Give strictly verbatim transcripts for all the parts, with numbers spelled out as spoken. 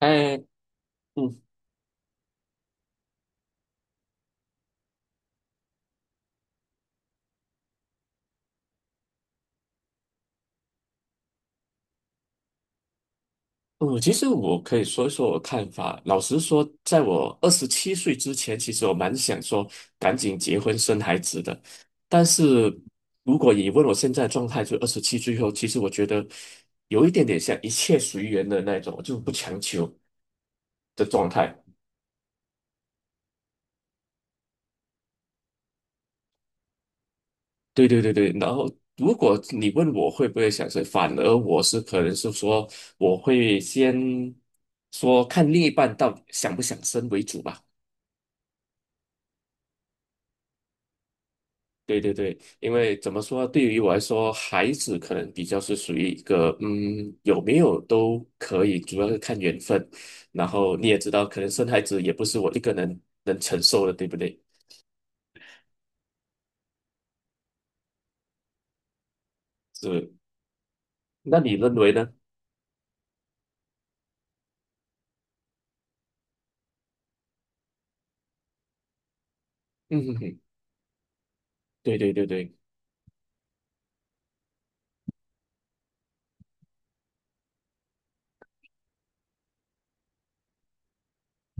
哎，嗯嗯，其实我可以说一说我看法。老实说，在我二十七岁之前，其实我蛮想说赶紧结婚生孩子的。但是如果你问我现在的状态，就二十七岁后，其实我觉得有一点点像一切随缘的那种，我就不强求的状态。对对对对，然后如果你问我会不会想生，反而我是可能是说我会先说看另一半到底想不想生为主吧。对对对，因为怎么说，对于我来说，孩子可能比较是属于一个，嗯，有没有都可以，主要是看缘分。然后你也知道，可能生孩子也不是我一个人能承受的，对不对？是，那你认为呢？嗯哼哼，对对对对，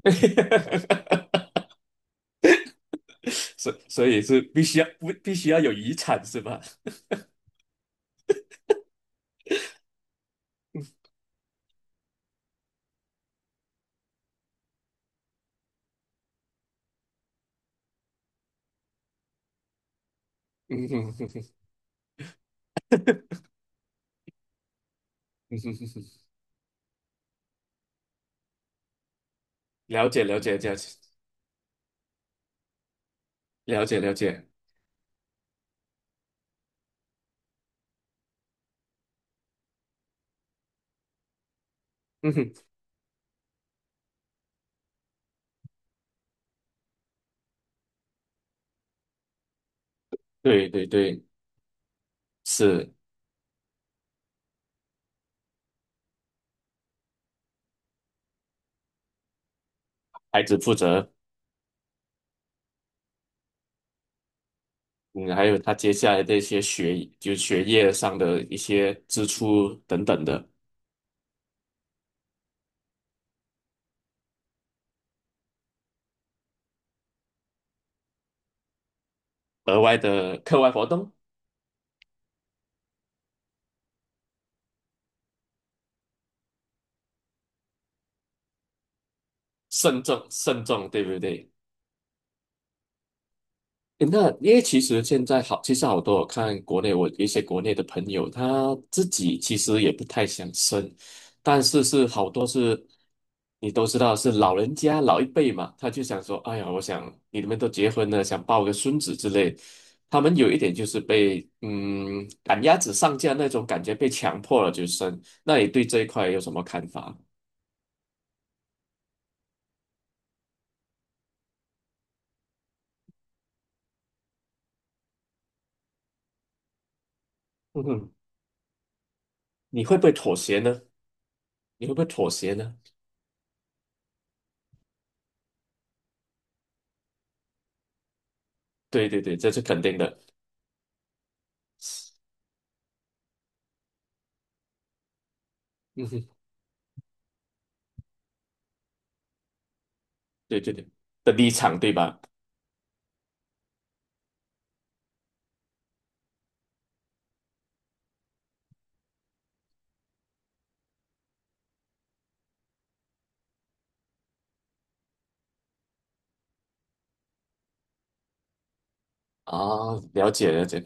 所所以是必须要不必须要有遗产是吧？嗯哼哼哼，嗯哼哼哼，了解了解了解了解了解，嗯哼，对对对，是孩子负责。嗯，还有他接下来的一些学，就学业上的一些支出等等的额外的课外活动，慎重慎重，对不对？诶那因为其实现在好，其实好多我看国内我一些国内的朋友，他自己其实也不太想生，但是是好多是，你都知道是老人家老一辈嘛，他就想说，哎呀，我想你们都结婚了，想抱个孙子之类，他们有一点就是被嗯赶鸭子上架那种感觉，被强迫了就生。那你对这一块有什么看法？嗯哼，你会不会妥协呢？你会不会妥协呢？对对对，这是肯定的。嗯哼。对对对的立场，对吧？啊，了解了解。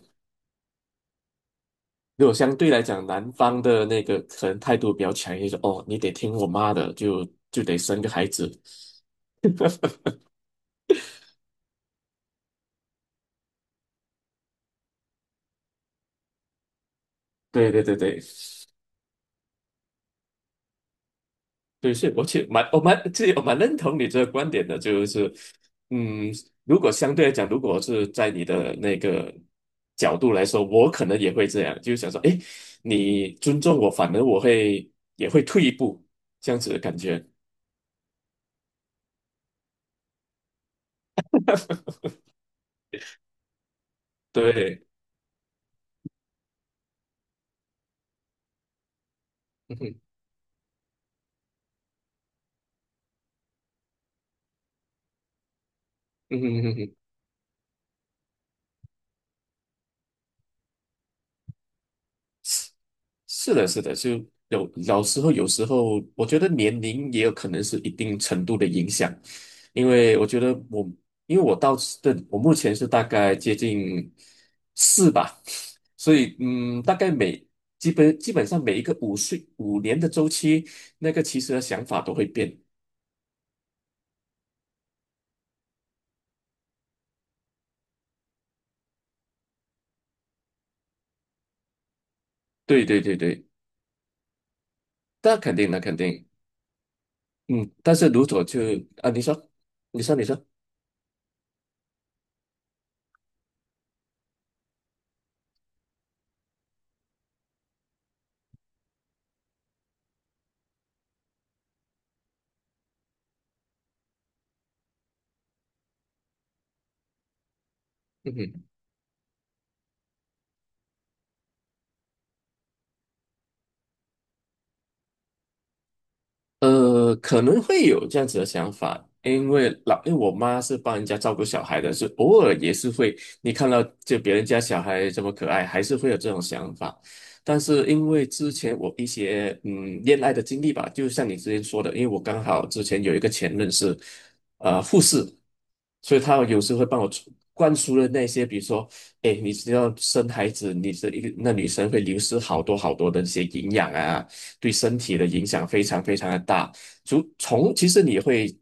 如果相对来讲，男方的那个可能态度比较强硬，说哦，你得听我妈的，就就得生个孩子。对对对对对，是我其实蛮我蛮其实我蛮认同你这个观点的，就是嗯，如果相对来讲，如果是在你的那个角度来说，我可能也会这样，就是想说，哎，你尊重我，反而我会也会退一步，这样子的感觉。对，嗯哼，嗯哼嗯哼是的，是的，就有老时候，有时候我觉得年龄也有可能是一定程度的影响，因为我觉得我，因为我到这，我目前是大概接近四吧，所以嗯，大概每基本基本上每一个五岁五年的周期，那个其实的想法都会变。对对对对，那肯定的，肯定，嗯，但是如果就啊，你说，你说，你说，嗯哼。呃，可能会有这样子的想法，因为老，因为我妈是帮人家照顾小孩的，是偶尔也是会，你看到就别人家小孩这么可爱，还是会有这种想法。但是因为之前我一些嗯恋爱的经历吧，就像你之前说的，因为我刚好之前有一个前任是呃护士，所以他有时会帮我灌输的那些，比如说哎，你知道生孩子，你这一个那女生会流失好多好多的一些营养啊，对身体的影响非常非常的大。就从其实你会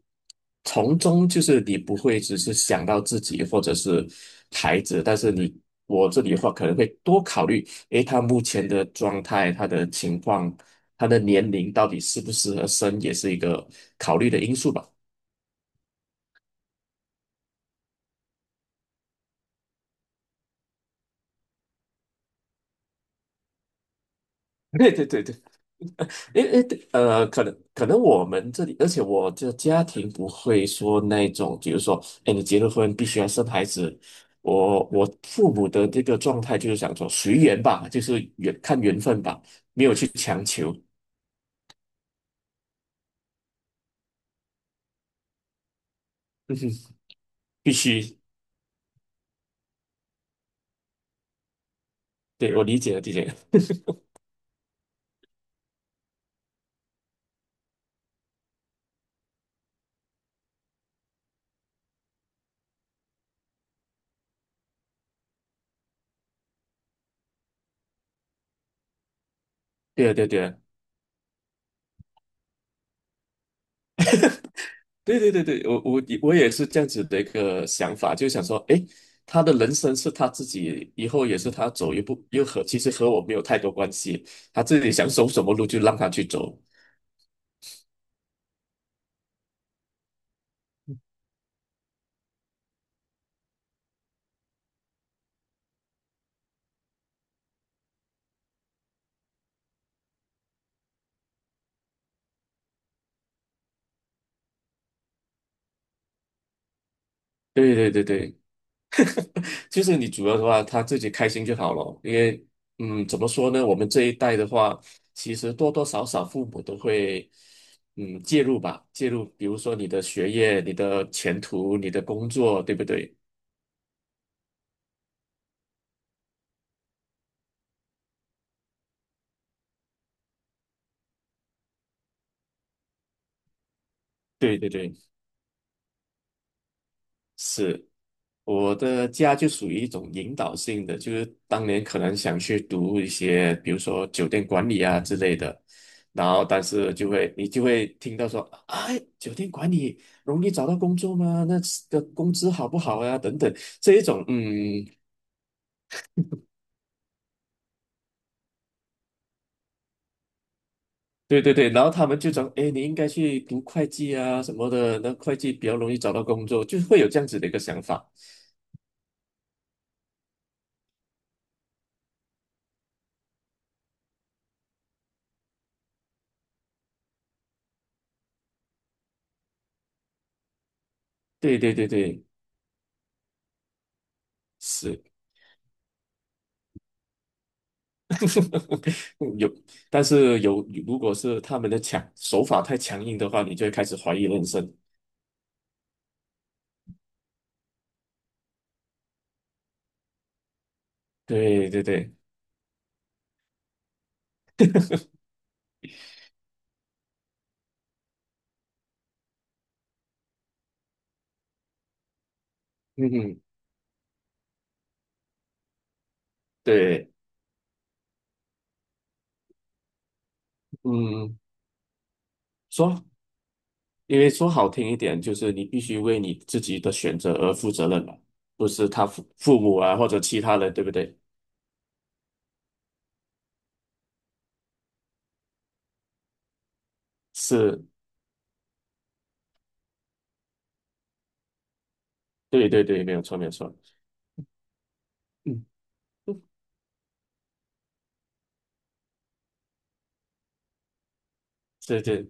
从中，就是你不会只是想到自己或者是孩子，但是你我这里的话可能会多考虑，诶，他目前的状态、他的情况、他的年龄到底适不适合生，也是一个考虑的因素吧。对对对对诶诶，对呃，可能可能我们这里，而且我的家庭不会说那种，比如说，哎，你结了婚必须要生孩子。我我父母的这个状态就是想说随缘吧，就是缘看缘分吧，没有去强求，必须。对，我理解了，理解了。对啊，对啊对啊。对对对对，我我我也是这样子的一个想法，就想说，诶，他的人生是他自己，以后也是他走一步，又和其实和我没有太多关系，他自己想走什么路就让他去走。对对对对，就是你主要的话，他自己开心就好了，因为嗯，怎么说呢，我们这一代的话，其实多多少少父母都会嗯介入吧，介入，比如说你的学业、你的前途、你的工作，对不对？对对对，是。我的家就属于一种引导性的，就是当年可能想去读一些，比如说酒店管理啊之类的，然后但是就会你就会听到说，哎，酒店管理容易找到工作吗？那的个工资好不好呀、等等，这一种，嗯，对对对，然后他们就讲，哎，你应该去读会计啊什么的，那会计比较容易找到工作，就会有这样子的一个想法。对对对对，是。有，但是有，如果是他们的强手法太强硬的话，你就会开始怀疑人生。对对对，嗯哼，对，嗯，说，因为说好听一点，就是你必须为你自己的选择而负责任嘛，不是他父父母啊或者其他人，对不对？是，对对对，没有错没有错，嗯，对对，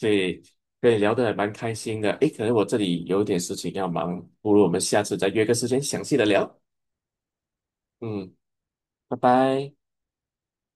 对，以跟你聊得还蛮开心的。诶，可能我这里有点事情要忙，不如我们下次再约个时间详细的聊。嗯，拜拜。